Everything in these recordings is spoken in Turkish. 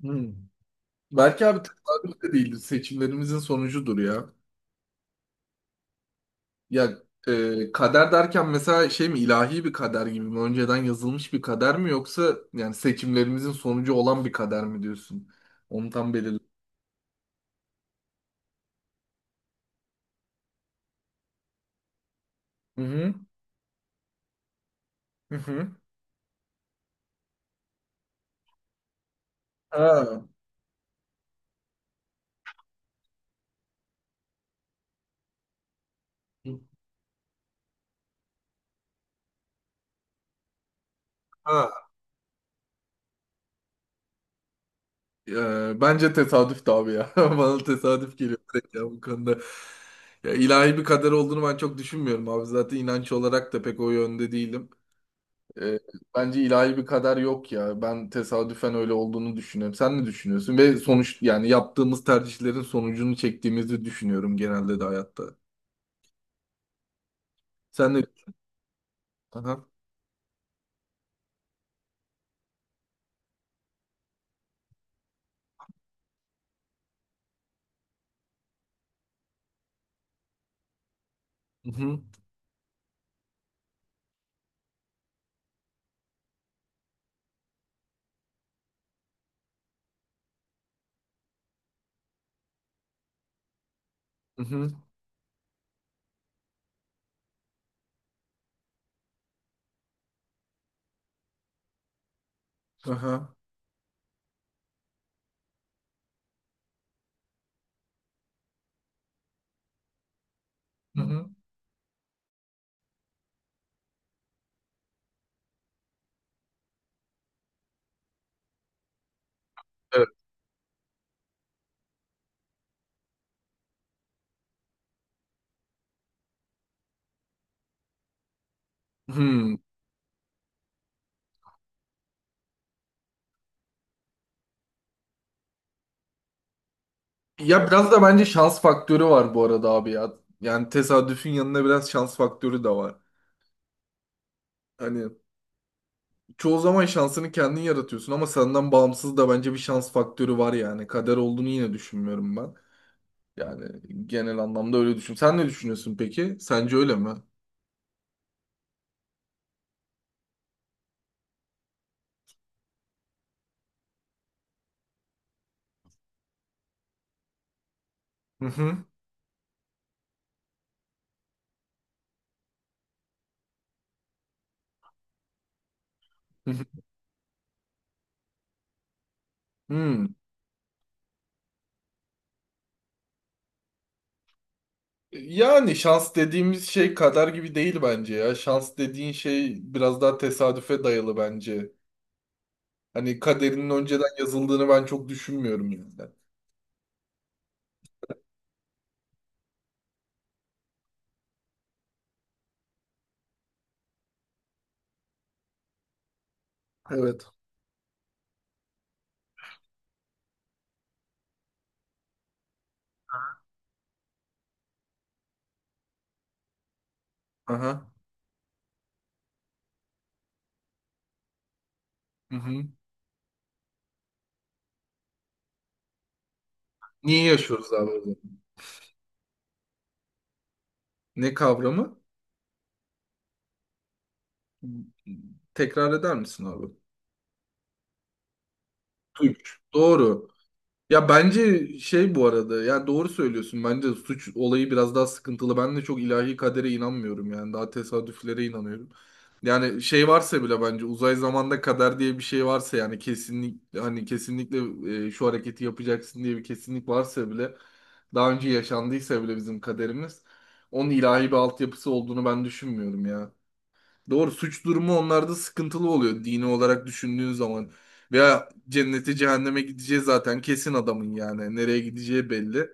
Hmm. Belki abi tesadüf de değildir. Seçimlerimizin sonucudur ya. Ya kader derken mesela şey mi ilahi bir kader gibi mi? Önceden yazılmış bir kader mi yoksa yani seçimlerimizin sonucu olan bir kader mi diyorsun? Onu tam belirle. Hı hı. Hı hı. Ha. Ha. Bence tesadüf de abi ya. Bana tesadüf geliyor direkt ya bu konuda. Ya ilahi bir kader olduğunu ben çok düşünmüyorum abi. Zaten inanç olarak da pek o yönde değilim. E, Bence ilahi bir kader yok ya. Ben tesadüfen öyle olduğunu düşünüyorum. Sen ne düşünüyorsun? Ve sonuç yani yaptığımız tercihlerin sonucunu çektiğimizi düşünüyorum genelde de hayatta. Sen ne Aha. Hı-hı. Hı-hı. Aha. Hı-hı. Evet. Hmm. Ya biraz da bence şans faktörü var bu arada abi ya. Yani tesadüfün yanında biraz şans faktörü de var. Hani çoğu zaman şansını kendin yaratıyorsun ama senden bağımsız da bence bir şans faktörü var yani. Kader olduğunu yine düşünmüyorum ben. Yani genel anlamda öyle düşün. Sen ne düşünüyorsun peki? Sence öyle mi? Hı hı. Hı hı. Hmm. Yani şans dediğimiz şey kader gibi değil bence ya. Şans dediğin şey biraz daha tesadüfe dayalı bence. Hani kaderinin önceden yazıldığını ben çok düşünmüyorum yani. Evet. Aha. Hı hı. Niye yaşıyoruz abi o zaman? Ne kavramı? Tekrar eder misin abi? Güç. Doğru. Ya bence şey bu arada ya doğru söylüyorsun, bence suç olayı biraz daha sıkıntılı. Ben de çok ilahi kadere inanmıyorum yani daha tesadüflere inanıyorum. Yani şey varsa bile bence uzay zamanda kader diye bir şey varsa yani kesinlik, hani kesinlikle şu hareketi yapacaksın diye bir kesinlik varsa bile daha önce yaşandıysa bile bizim kaderimiz onun ilahi bir altyapısı olduğunu ben düşünmüyorum ya. Doğru, suç durumu onlarda sıkıntılı oluyor dini olarak düşündüğün zaman. Veya cennete cehenneme gideceği zaten kesin adamın yani. Nereye gideceği belli.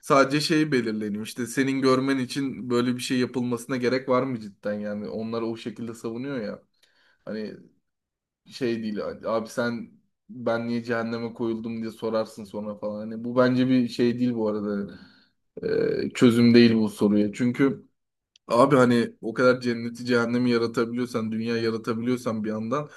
Sadece şey belirleniyor işte, senin görmen için böyle bir şey yapılmasına gerek var mı cidden yani. Onlar o şekilde savunuyor ya. Hani şey değil abi, sen ben niye cehenneme koyuldum diye sorarsın sonra falan. Hani bu bence bir şey değil bu arada. Çözüm değil bu soruya. Çünkü abi hani o kadar cenneti cehennemi yaratabiliyorsan, dünya yaratabiliyorsan bir yandan,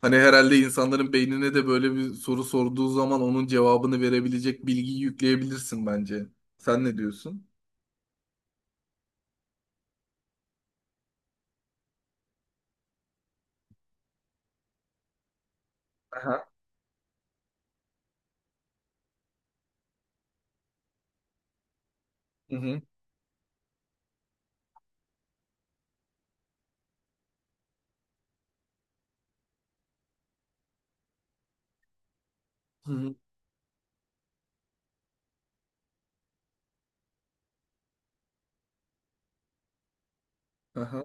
hani herhalde insanların beynine de böyle bir soru sorduğu zaman onun cevabını verebilecek bilgiyi yükleyebilirsin bence. Sen ne diyorsun? Aha. Hı hı. Hı hı. Aha.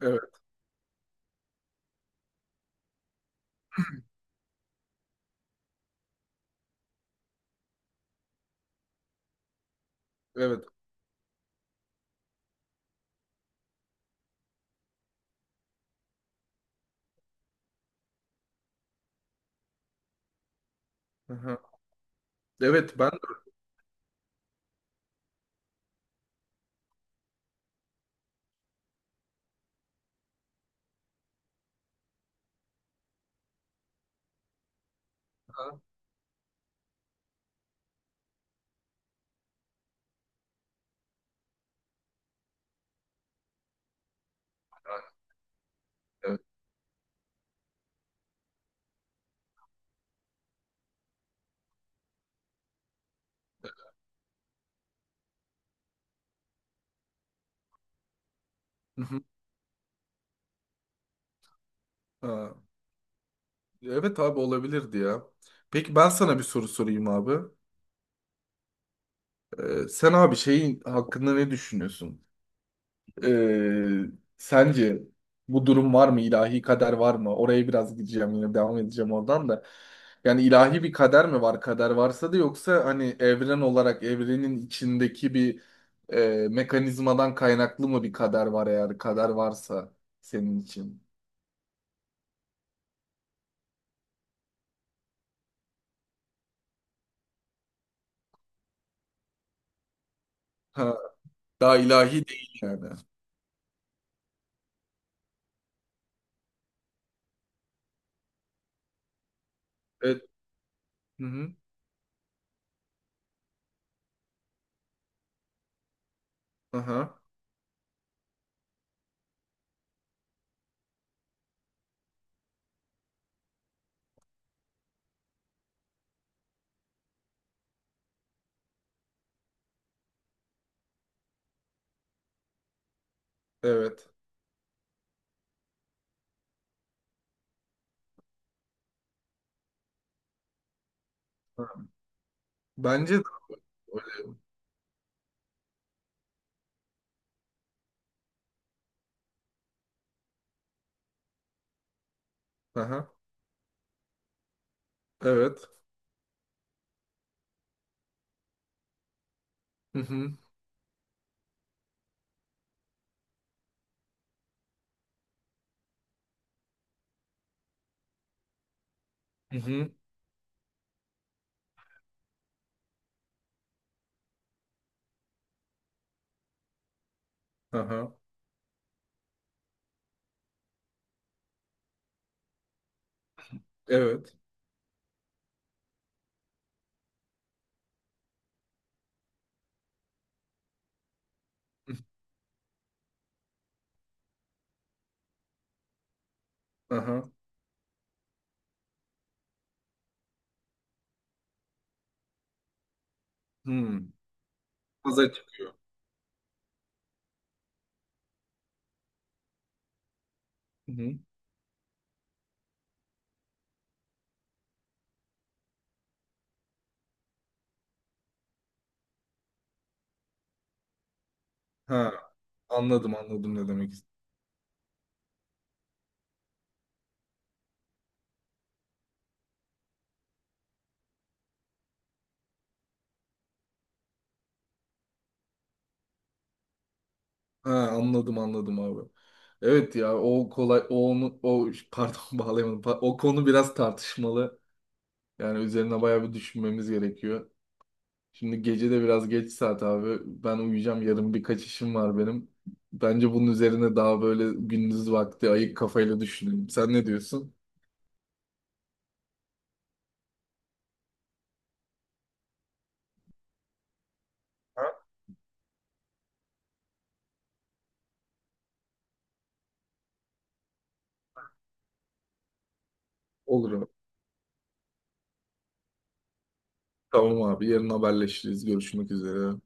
Evet, evet. Aha. Evet. Aha. Evet. Hı hı. Ha. Evet abi olabilirdi ya. Peki ben sana bir soru sorayım abi. Sen abi şeyin hakkında ne düşünüyorsun? Ee, Sence bu durum var mı? İlahi kader var mı? Oraya biraz gideceğim, yine devam edeceğim oradan da. Yani ilahi bir kader mi var? Kader varsa da yoksa hani evren olarak evrenin içindeki bir mekanizmadan kaynaklı mı bir kader var eğer kader varsa senin için? Ha, daha ilahi değil yani. Evet. Hı hı. Aha. Evet. Aha. Bence de öyle. Aha. Evet. Hı hı. Hı hı. Aha. Evet. Aha. Hmm. Aza çıkıyor. Hı hı. Ha, anladım anladım ne demek istedim. Ha, anladım anladım abi. Evet ya, o kolay o onu o pardon, bağlayamadım. O konu biraz tartışmalı. Yani üzerine bayağı bir düşünmemiz gerekiyor. Şimdi gece de biraz geç saat abi. Ben uyuyacağım. Yarın birkaç işim var benim. Bence bunun üzerine daha böyle gündüz vakti ayık kafayla düşünelim. Sen ne diyorsun? Ha? Olur abi. Tamam abi. Yarın haberleşiriz. Görüşmek üzere.